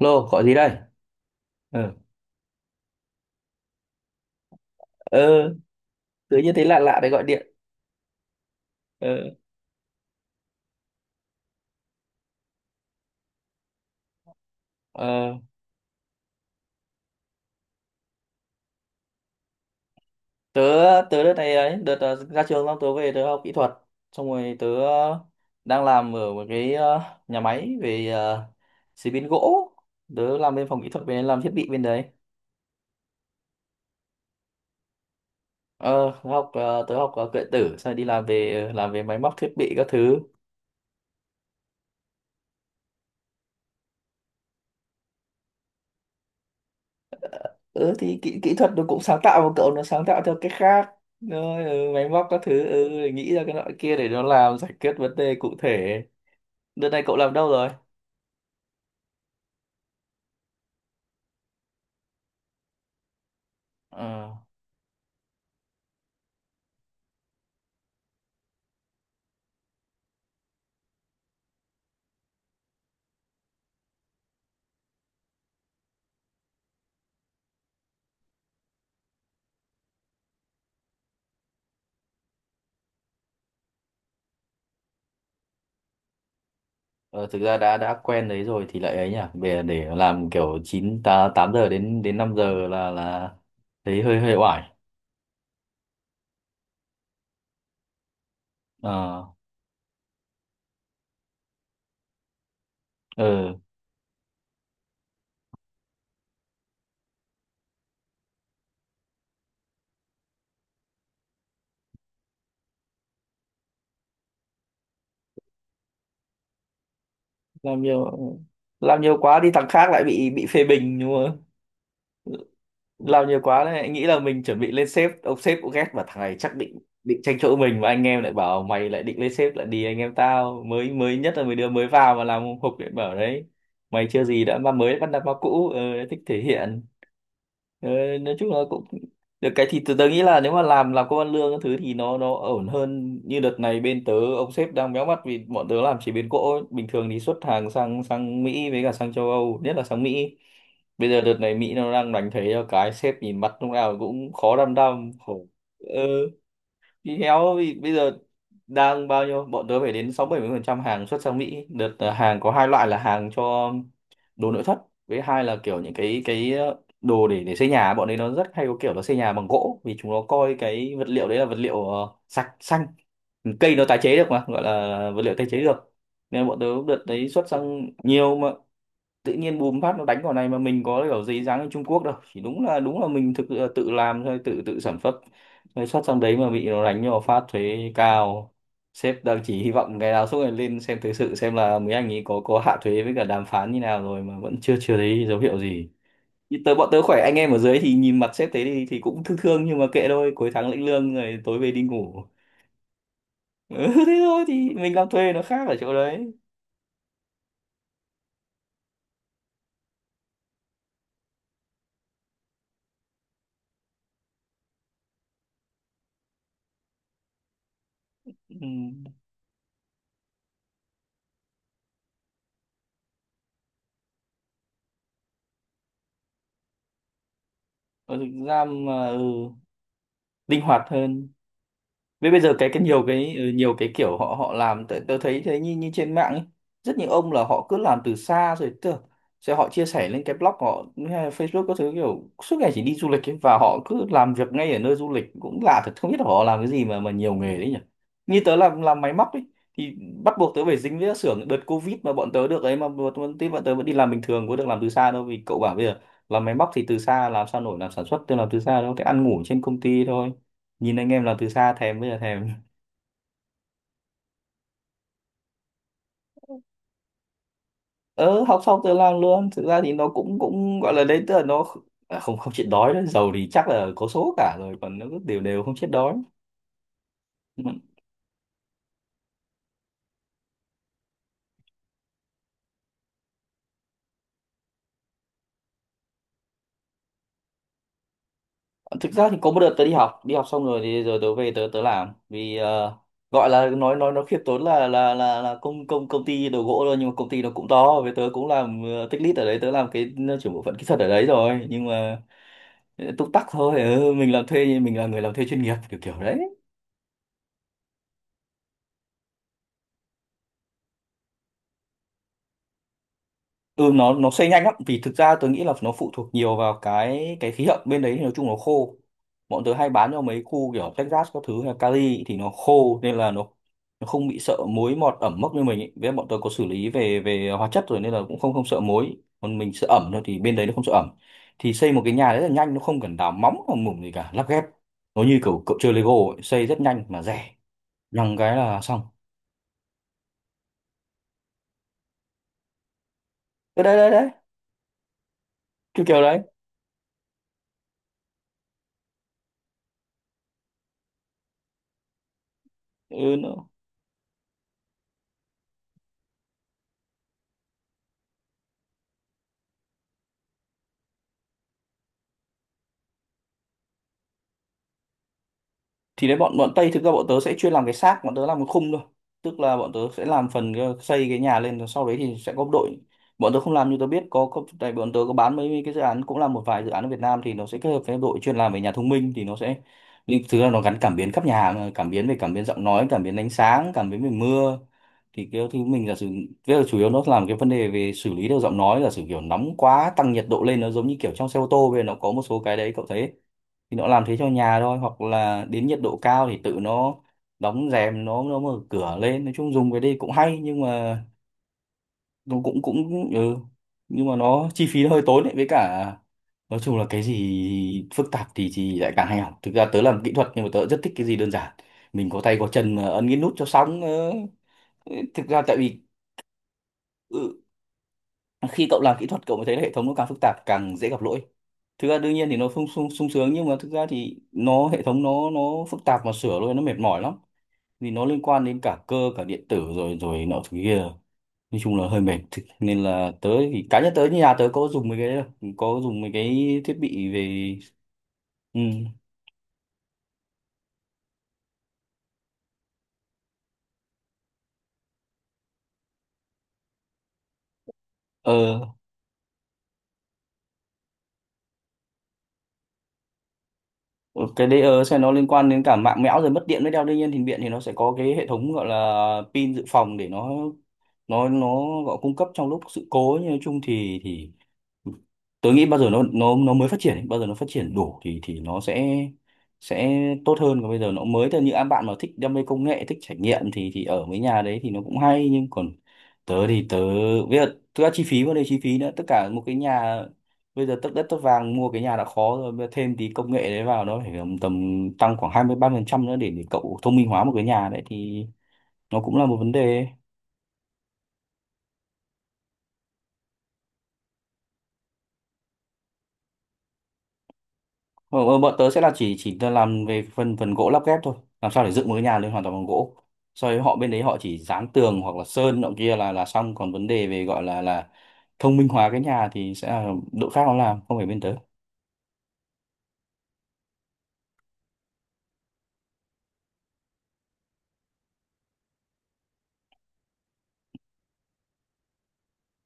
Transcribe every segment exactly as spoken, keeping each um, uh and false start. Lô, gọi gì đây? Ừ. Ờ, tớ như thấy lạ lạ để gọi điện. Ờ, ờ. Tớ, tớ đợt này ấy, đợt ờ, ra trường xong tớ về tớ học kỹ thuật. Xong rồi tớ ờ, đang làm ở một cái ờ, nhà máy về ờ, chế biến gỗ. Tớ làm bên phòng kỹ thuật, bên làm thiết bị bên đấy. Ờ, tớ học, ờ, tớ học ờ, điện tử, xong rồi đi làm về ờ, làm về máy móc thiết bị các thứ. Ừ, thì kỹ, kỹ thuật nó cũng sáng tạo mà cậu, nó sáng tạo theo cách khác. Rồi, ừ, máy móc các thứ, ừ, nghĩ ra cái loại kia để nó làm giải quyết vấn đề cụ thể. Đợt này cậu làm đâu rồi? Ờ, ờ, thực ra đã đã quen đấy rồi thì lại ấy nhỉ. Về để làm kiểu chín ta tám giờ đến đến năm giờ là là thấy hơi hơi oải. Ờ, ờ, làm nhiều, làm nhiều quá đi thằng khác lại bị bị phê bình đúng không? Làm nhiều quá đấy, anh nghĩ là mình chuẩn bị lên sếp, ông sếp cũng ghét mà thằng này chắc định, định tranh chỗ mình, mà anh em lại bảo mày lại định lên sếp, lại đi anh em tao mới, mới nhất là mới đưa mới vào mà làm hộp điện bảo đấy mày chưa gì đã ma mới bắt nạt ma cũ. ờ, thích thể hiện. ờ, nói chung là cũng được cái, thì tớ, tớ nghĩ là nếu mà làm làm công ăn lương cái thứ thì nó nó ổn hơn. Như đợt này bên tớ ông sếp đang méo mắt vì bọn tớ làm chế biến gỗ ấy. Bình thường thì xuất hàng sang sang Mỹ với cả sang châu Âu, nhất là sang Mỹ. Bây giờ đợt này Mỹ nó đang đánh thuế cho cái sếp nhìn mặt lúc nào cũng khó đăm đăm, khổ. ờ thì héo vì bây giờ đang bao nhiêu, bọn tớ phải đến sáu bảy mươi phần trăm hàng xuất sang Mỹ. Đợt là hàng có hai loại, là hàng cho đồ nội thất, với hai là kiểu những cái cái ờ, đồ để để xây nhà. Bọn ấy nó rất hay có kiểu nó xây nhà bằng gỗ, vì chúng nó coi cái vật liệu đấy là vật liệu ờ, sạch xanh, cây nó tái chế được, mà gọi là vật liệu tái chế được. Nên bọn tớ đợt đấy xuất sang nhiều, mà tự nhiên bùm phát nó đánh vào này, mà mình có kiểu giấy dán ở Trung Quốc đâu, chỉ đúng là, đúng là mình thực là tự làm thôi, tự tự sản xuất rồi xuất sang đấy mà bị nó đánh vào phát thuế cao. Sếp đang chỉ hy vọng ngày nào suốt ngày lên xem thời sự, xem là mấy anh ấy có có hạ thuế với cả đàm phán như nào rồi, mà vẫn chưa chưa thấy dấu hiệu gì. Như tớ, bọn tớ khỏe, anh em ở dưới thì nhìn mặt sếp thế thì, thì cũng thương thương, nhưng mà kệ thôi, cuối tháng lĩnh lương rồi tối về đi ngủ. Ừ, thế thôi, thì mình làm thuê nó khác ở chỗ đấy. Ừ. Ở thực ra mà ừ, linh hoạt hơn. Với bây giờ cái cái nhiều cái ừ, nhiều cái kiểu họ họ làm tớ, tớ thấy thế, như như trên mạng ấy. Rất nhiều ông là họ cứ làm từ xa, rồi tớ, sẽ họ chia sẻ lên cái blog của họ hay là Facebook các thứ, kiểu suốt ngày chỉ đi du lịch ấy, và họ cứ làm việc ngay ở nơi du lịch, cũng lạ thật, không biết là họ làm cái gì mà mà nhiều nghề đấy nhỉ. Như tớ làm làm máy móc ấy thì bắt buộc tớ phải dính với các xưởng. Đợt Covid mà bọn tớ được ấy, mà bọn, bọn, tí bọn tớ vẫn đi làm bình thường, có được làm từ xa đâu, vì cậu bảo bây giờ làm máy móc thì từ xa làm sao nổi, làm sản xuất tôi làm từ xa đâu, cái ăn ngủ trên công ty thôi. Nhìn anh em làm từ xa thèm, bây giờ thèm. ờ học xong tự làm luôn, thực ra thì nó cũng, cũng gọi là đấy, tức là nó kh- à, không, không chết đói đấy, giàu thì chắc là có số cả rồi, còn nó cứ đều đều không chết đói. Ừ. Thực ra thì có một đợt tớ đi học, đi học xong rồi thì rồi tớ về tớ tớ làm vì ờ, gọi là nói nói nó khiêm tốn là là là là công công công ty đồ gỗ thôi, nhưng mà công ty nó cũng to, với tớ cũng làm ờ, tech lead ở đấy, tớ làm cái trưởng bộ phận kỹ thuật ở đấy rồi, nhưng mà ờ, túc tắc thôi. Ừ, mình làm thuê, mình là người làm thuê chuyên nghiệp kiểu kiểu đấy. Ừ, nó nó xây nhanh lắm, vì thực ra tớ nghĩ là nó phụ thuộc nhiều vào cái cái khí hậu bên đấy, thì nói chung nó khô. Bọn tớ hay bán cho mấy khu kiểu Texas các thứ, hay là Cali, thì nó khô nên là nó nó không bị sợ muối mọt ẩm mốc như mình ấy. Với lại bọn tớ có xử lý về về hóa chất rồi, nên là cũng không không sợ muối, còn mình sợ ẩm thôi, thì bên đấy nó không sợ ẩm. Thì xây một cái nhà rất là nhanh, nó không cần đào móng hoặc mủng gì cả, lắp ghép, nó như kiểu cậu chơi Lego ấy. Xây rất nhanh mà rẻ, nhằng cái là xong. Ơ đấy đấy đấy, kiểu kiểu đấy. ừ, nó- thì đấy, bọn bọn Tây, thực ra bọn tớ sẽ chuyên làm cái xác, bọn tớ làm cái khung thôi, tức là bọn tớ sẽ làm phần cái- xây cái nhà lên, rồi sau đấy thì sẽ có đội. Bọn tớ không làm, như tớ biết có, có tại bọn tớ có bán mấy cái dự án, cũng là một vài dự án ở Việt Nam, thì nó sẽ kết hợp với đội chuyên làm về nhà thông minh, thì nó sẽ, nhưng thực ra nó gắn cảm biến khắp nhà hàng, cảm biến về, cảm biến giọng nói, cảm biến ánh sáng, cảm biến về mưa. Thì cái thứ mình giả sử, tức là chủ yếu nó làm cái vấn đề về xử lý được giọng nói, giả sử kiểu nóng quá tăng nhiệt độ lên, nó giống như kiểu trong xe ô tô bây giờ nó có một số cái đấy cậu thấy. Thì nó làm thế cho nhà thôi, hoặc là đến nhiệt độ cao thì tự nó đóng rèm, nó nó mở cửa lên. Nói chung dùng cái đây cũng hay, nhưng mà nó cũng, cũng ừ, nhưng mà nó chi phí nó hơi tốn đấy, với cả nói chung là cái gì phức tạp thì thì lại càng hay học. Thực ra tớ làm kỹ thuật nhưng mà tớ rất thích cái gì đơn giản, mình có tay có chân mà ấn cái nút cho xong. ờ, thực ra tại vì ừ, khi cậu làm kỹ thuật cậu mới thấy là hệ thống nó càng phức tạp càng dễ gặp lỗi. Thực ra đương nhiên thì nó không sung sung sướng, nhưng mà thực ra thì nó, hệ thống nó nó phức tạp mà sửa luôn nó mệt mỏi lắm, vì nó liên quan đến cả cơ cả điện tử rồi rồi nọ thứ kia, nói chung là hơi mệt. Thực- nên là tớ thì cá nhân tớ như nhà tớ có dùng mấy cái đấy đâu, có dùng mấy cái thiết bị về. Ừ. ờ ờ, cái đấy ờ sẽ nó liên quan đến cả mạng mẽo rồi mất điện mới đeo. Đương nhiên thì điện thì nó sẽ có cái hệ thống gọi là pin dự phòng để nó nó nó gọi cung cấp trong lúc sự cố. Nhưng nói chung thì thì tôi nghĩ bao giờ nó nó nó mới phát triển ấy, bao giờ nó phát triển đủ thì thì nó sẽ sẽ tốt hơn, còn bây giờ nó mới thôi. Như các bạn mà thích đam mê công nghệ, thích trải nghiệm thì thì ở mấy nhà đấy thì nó cũng hay, nhưng còn tớ thì tớ bây giờ thực ra chi phí, vấn đề chi phí nữa, tất cả một cái nhà bây giờ tất đất tất vàng, mua cái nhà đã khó rồi, bây giờ thêm tí công nghệ đấy vào nó phải tầm tầm tăng khoảng hai mươi ba phần trăm nữa để, để cậu thông minh hóa một cái nhà đấy thì nó cũng là một vấn đề. Ờ, ờ, bọn tớ sẽ là chỉ chỉ làm về phần phần gỗ lắp ghép thôi, làm sao để dựng một cái nhà lên hoàn toàn bằng gỗ. Sau đấy họ bên đấy họ chỉ dán tường hoặc là sơn nọ kia là là xong, còn vấn đề về gọi là là thông minh hóa cái nhà thì sẽ là đội khác nó làm, không phải bên tớ.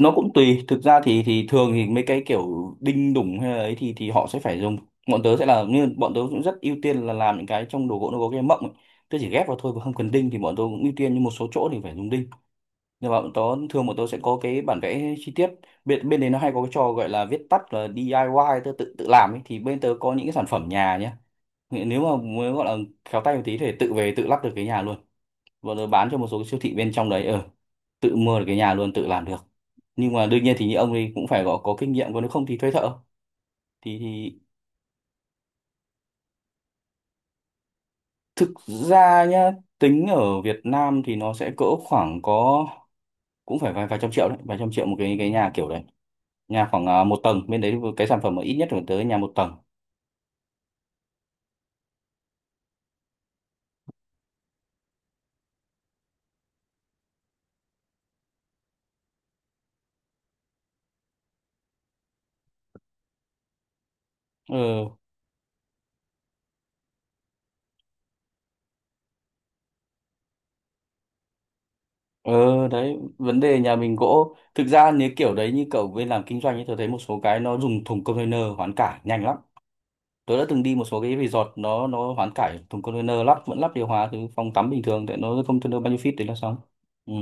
Nó cũng tùy. Thực ra thì thì thường thì mấy cái kiểu đinh đủng hay là ấy thì thì họ sẽ phải dùng. Bọn tớ sẽ là, như bọn tớ cũng rất ưu tiên là làm những cái trong đồ gỗ nó có cái mộng ấy. Tớ chỉ ghép vào thôi và không cần đinh thì bọn tớ cũng ưu tiên, nhưng một số chỗ thì phải dùng đinh. Nhưng mà bọn tớ thường bọn tớ sẽ có cái bản vẽ chi tiết. Bên bên đấy nó hay có cái trò gọi là viết tắt là đi ai quai, tớ tự tự làm ấy, thì bên tớ có những cái sản phẩm nhà nhé, nếu mà muốn gọi là khéo tay một tí thì tự về tự lắp được cái nhà luôn. Bọn tớ bán cho một số cái siêu thị bên trong đấy, ờ, tự mua được cái nhà luôn, tự làm được. Nhưng mà đương nhiên thì như ông ấy cũng phải có có kinh nghiệm, còn nếu không thì thuê thợ. Thì, thì thực ra nhá, tính ở Việt Nam thì nó sẽ cỡ khoảng có cũng phải vài vài trăm triệu đấy, vài trăm triệu một cái cái nhà kiểu đấy. Nhà khoảng à, một tầng, bên đấy cái sản phẩm mà ít nhất phải tới nhà một tầng. Ừ. Ừ, đấy vấn đề nhà mình gỗ, thực ra nếu kiểu đấy, như cậu bên làm kinh doanh ấy, tôi thấy một số cái nó dùng thùng container hoán cải nhanh lắm. Tôi đã từng đi một số cái resort nó nó hoán cải thùng container, lắp vẫn lắp điều hòa thì phòng tắm bình thường, tại nó container bao nhiêu feet đấy là xong. Ừ.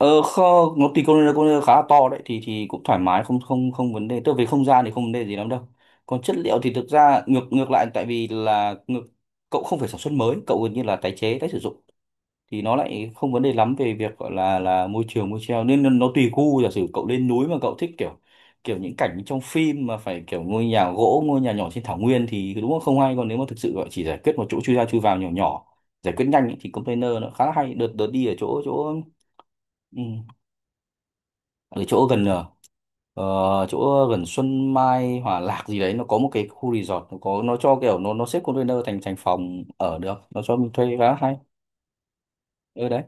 Ờ không, nó thì container, container khá là to đấy thì thì cũng thoải mái, không không không vấn đề. Tức là về không gian thì không vấn đề gì lắm đâu. Còn chất liệu thì thực ra ngược ngược lại, tại vì là ngược, cậu không phải sản xuất mới, cậu gần như là tái chế, tái sử dụng thì nó lại không vấn đề lắm về việc gọi là là môi trường môi treo, nên nó nó tùy gu. Giả sử cậu lên núi mà cậu thích kiểu kiểu những cảnh trong phim mà phải kiểu ngôi nhà gỗ, ngôi nhà nhỏ trên thảo nguyên thì đúng là không hay, còn nếu mà thực sự gọi chỉ giải quyết một chỗ chui ra chui vào nhỏ nhỏ, giải quyết nhanh ấy, thì container nó khá là hay. Đợt đợt đi ở chỗ chỗ ừ, ở chỗ gần ờ, ờ, chỗ gần Xuân Mai Hòa Lạc gì đấy, nó có một cái khu resort, nó có nó cho kiểu nó nó xếp container thành thành phòng ở được, nó cho mình thuê khá hay ở đấy.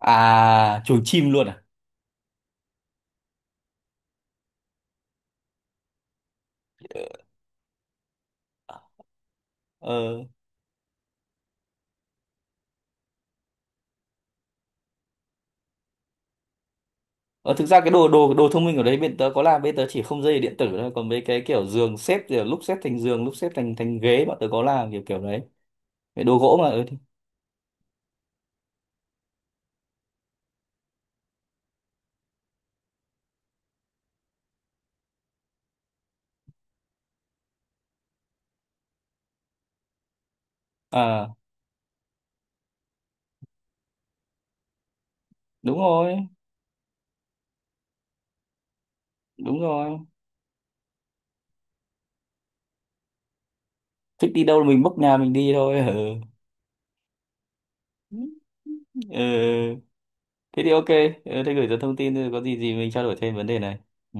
À, chuồng chim luôn à? Ờ. Ờ, thực ra cái đồ đồ đồ thông minh ở đấy bên tớ có là, bên tớ chỉ không dây điện tử thôi, còn mấy cái kiểu giường xếp kiểu lúc xếp thành giường lúc xếp thành thành ghế, bọn tớ có làm kiểu kiểu đấy. Cái đồ gỗ mà, ừ, thì- à đúng rồi, đúng rồi, thích đi đâu là mình bốc nhà mình đi thôi. Ừ. Ừ. Thế thì ok. Ừ, thế gửi cho thông tin rồi có gì gì mình trao đổi thêm vấn đề này. Ừ.